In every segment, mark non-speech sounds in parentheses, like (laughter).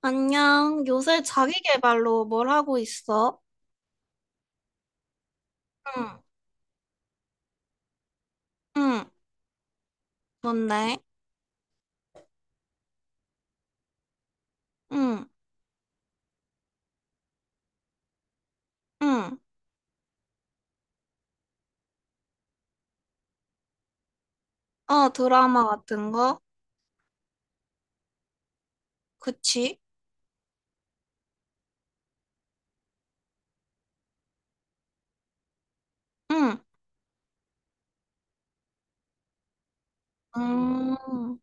안녕. 요새 자기 개발로 뭘 하고 있어? 응, 응. 뭔데? 응, 응. 어, 드라마 같은 거? 그치? 응. 음,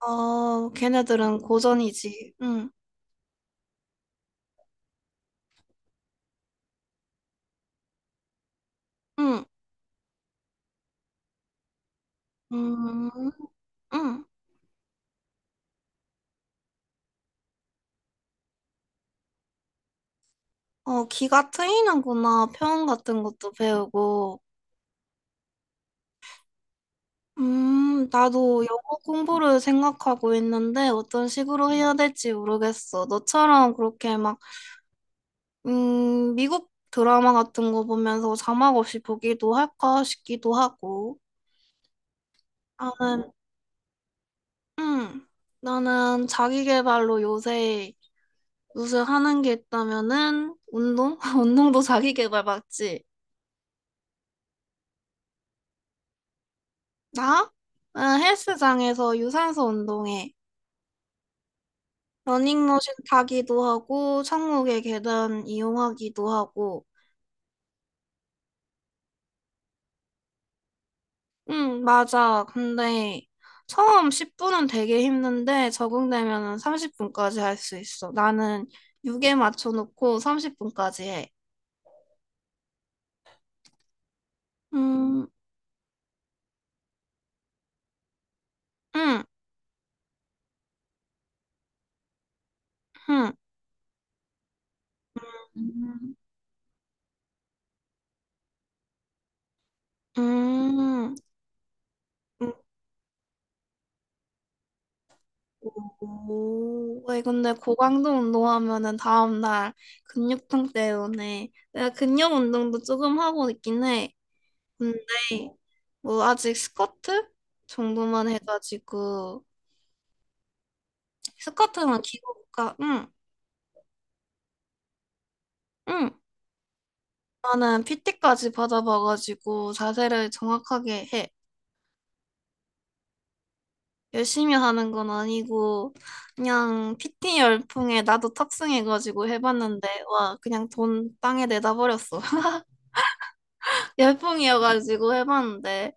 어, 걔네들은 고전이지. 응, 응, 음, 응. 어, 귀가 트이는구나. 표현 같은 것도 배우고. 나도 영어 공부를 생각하고 있는데 어떤 식으로 해야 될지 모르겠어. 너처럼 그렇게 막 미국 드라마 같은 거 보면서 자막 없이 보기도 할까 싶기도 하고. 나는, 음, 나는 자기 개발로 요새 하는 게 있다면은 운동? (laughs) 운동도 자기 개발 맞지? 나? 응, 헬스장에서 유산소 운동해. 러닝머신 타기도 하고, 천국의 계단 이용하기도 하고, 응, 맞아. 근데 처음 10분은 되게 힘든데 적응되면은 30분까지 할 수 있어. 나는 6에 맞춰놓고 30분까지 해. 음, 응, 응, 음. 음. 음. 오, 왜 근데 고강도 운동하면은 다음날 근육통 때문에 내가 근력 운동도 조금 하고 있긴 해. 근데 뭐 아직 스쿼트 정도만 해가지고 스쿼트만 기구가 응. 응, 나는 PT까지 받아봐가지고 자세를 정확하게 해. 열심히 하는 건 아니고 그냥 PT 열풍에 나도 탑승해가지고 해봤는데, 와 그냥 돈 땅에 내다버렸어. (laughs) 열풍이어가지고 해봤는데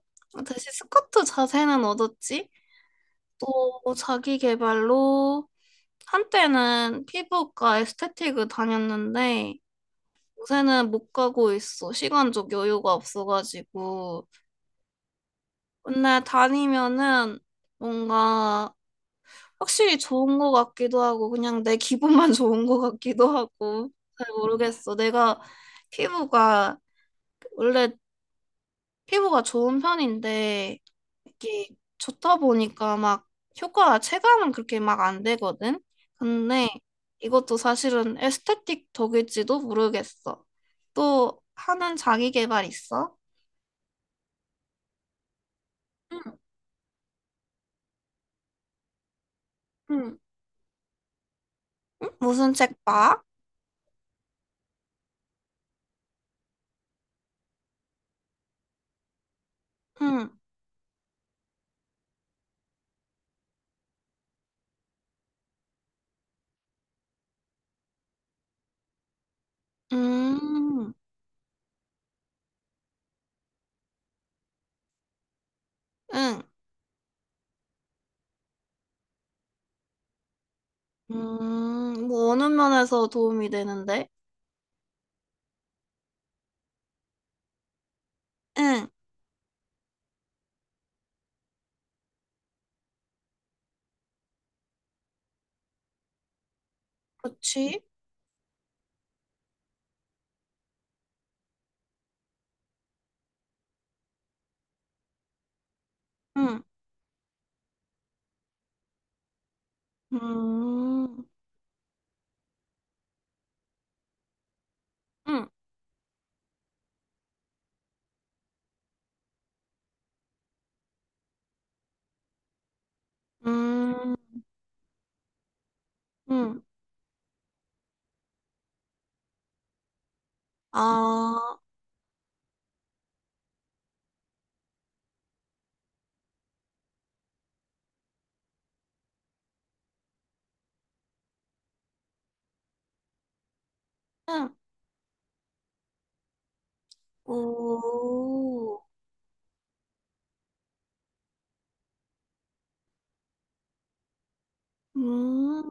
다시 스쿼트 자세는 얻었지. 또 자기 개발로 한때는 피부과 에스테틱을 다녔는데 요새는 못 가고 있어. 시간적 여유가 없어가지고. 근데 다니면은 뭔가 확실히 좋은 것 같기도 하고 그냥 내 기분만 (laughs) 좋은 것 같기도 하고 잘 모르겠어. 내가 피부가 원래 피부가 좋은 편인데 이게 좋다 보니까 막 효과 체감은 그렇게 막 안 되거든. 근데 이것도 사실은 에스테틱 덕일지도 모르겠어. 또 하는 자기 개발 있어? 응, 응. 무슨 책 봐? 응. 음. 응. 뭐 어느 면에서 도움이 되는데? 응. 그렇지? 응. 음, 응. 음, 응. 아, 응. 오, 음.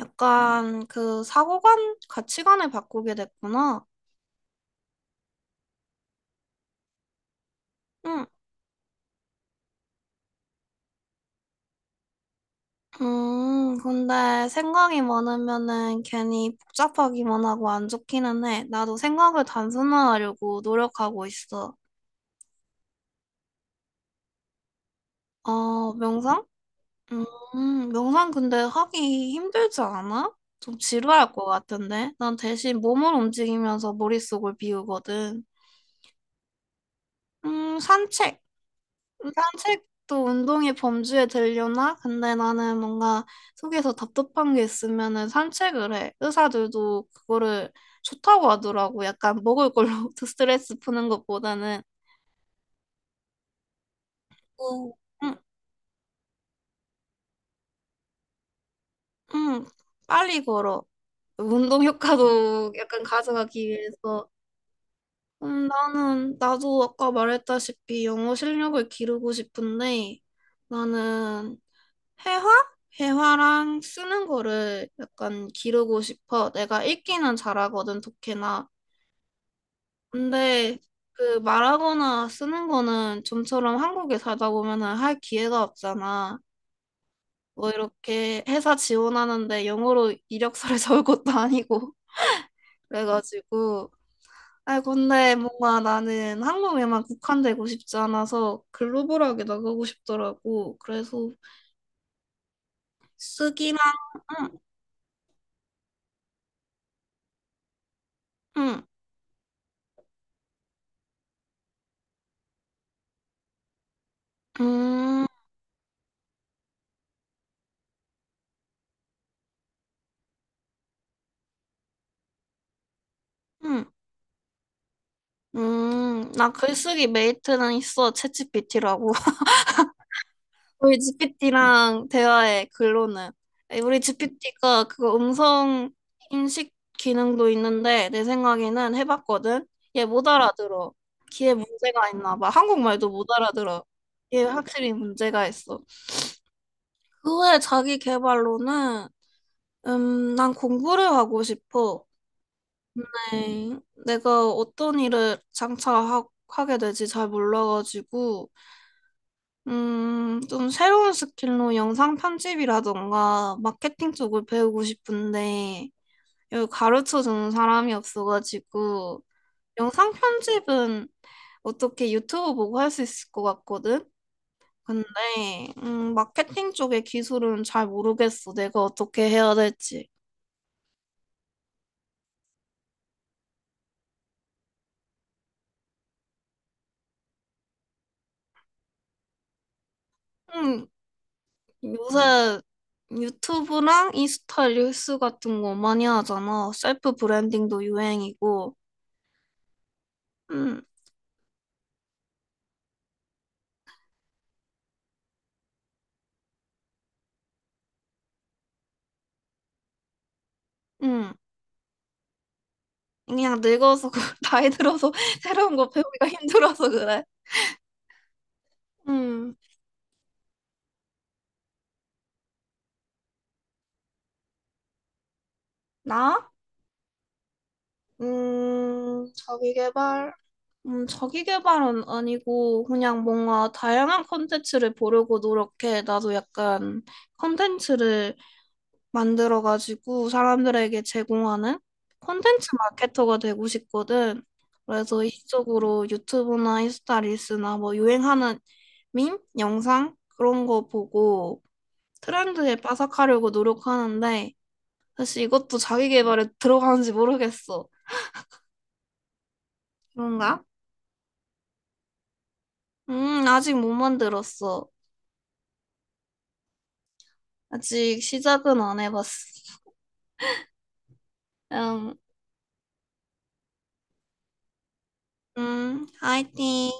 약간 그 사고관, 가치관을 바꾸게 됐구나. 응. 근데 생각이 많으면은 괜히 복잡하기만 하고 안 좋기는 해. 나도 생각을 단순화하려고 노력하고 있어. 어, 명상? 명상 근데 하기 힘들지 않아? 좀 지루할 것 같은데? 난 대신 몸을 움직이면서 머릿속을 비우거든. 산책. 산책도 운동의 범주에 들려나? 근데 나는 뭔가 속에서 답답한 게 있으면은 산책을 해. 의사들도 그거를 좋다고 하더라고. 약간 먹을 걸로 (laughs) 스트레스 푸는 것보다는. 오. 응, 응, 빨리 걸어. 운동 효과도 약간 가져가기 위해서. 나도 아까 말했다시피 영어 실력을 기르고 싶은데, 나는 회화? 회화랑 쓰는 거를 약간 기르고 싶어. 내가 읽기는 잘하거든, 독해나. 근데 그 말하거나 쓰는 거는 좀처럼 한국에 살다 보면은 할 기회가 없잖아. 뭐 이렇게 회사 지원하는데 영어로 이력서를 (laughs) 적을 것도 아니고. 그래가지고. 아, 근데 뭔가 나는 한국에만 국한되고 싶지 않아서 글로벌하게 나가고 싶더라고. 그래서 쓰기랑, 응, 응, 응, 응, 응. 나 글쓰기 메이트는 있어, 챗GPT라고. (laughs) 우리 GPT랑 대화해, 글로는. 아니, 우리 GPT가 그거 음성 인식 기능도 있는데, 내 생각에는 해봤거든? 얘 못 알아들어. 귀에 문제가 있나 봐. 한국말도 못 알아들어. 얘 확실히 문제가 있어. 그 후에 자기 개발로는 난 공부를 하고 싶어. 네, 내가 어떤 일을 장차 하게 될지 잘 몰라가지고 좀 새로운 스킬로 영상 편집이라던가 마케팅 쪽을 배우고 싶은데 여기 가르쳐주는 사람이 없어가지고 영상 편집은 어떻게 유튜브 보고 할 수 있을 것 같거든? 근데 마케팅 쪽의 기술은 잘 모르겠어. 내가 어떻게 해야 될지. 음, 요새 유튜브랑 인스타 릴스 같은 거 많이 하잖아. 셀프 브랜딩도 유행이고. 응, 응. 그냥 늙어서, (laughs) 나이 들어서 (laughs) 새로운 거 배우기가 힘들어서 그래. 음, 나? 자기계발? 자기계발은 아니고, 그냥 뭔가 다양한 콘텐츠를 보려고 노력해. 나도 약간 콘텐츠를 만들어가지고 사람들에게 제공하는 콘텐츠 마케터가 되고 싶거든. 그래서 이쪽으로 유튜브나 인스타 릴스나 뭐 유행하는 밈, 영상 그런 거 보고 트렌드에 빠삭하려고 노력하는데 사실 이것도 자기 개발에 들어가는지 모르겠어. 그런가? 아직 못 만들었어. 아직 시작은 안 해봤어. 음, 화이팅.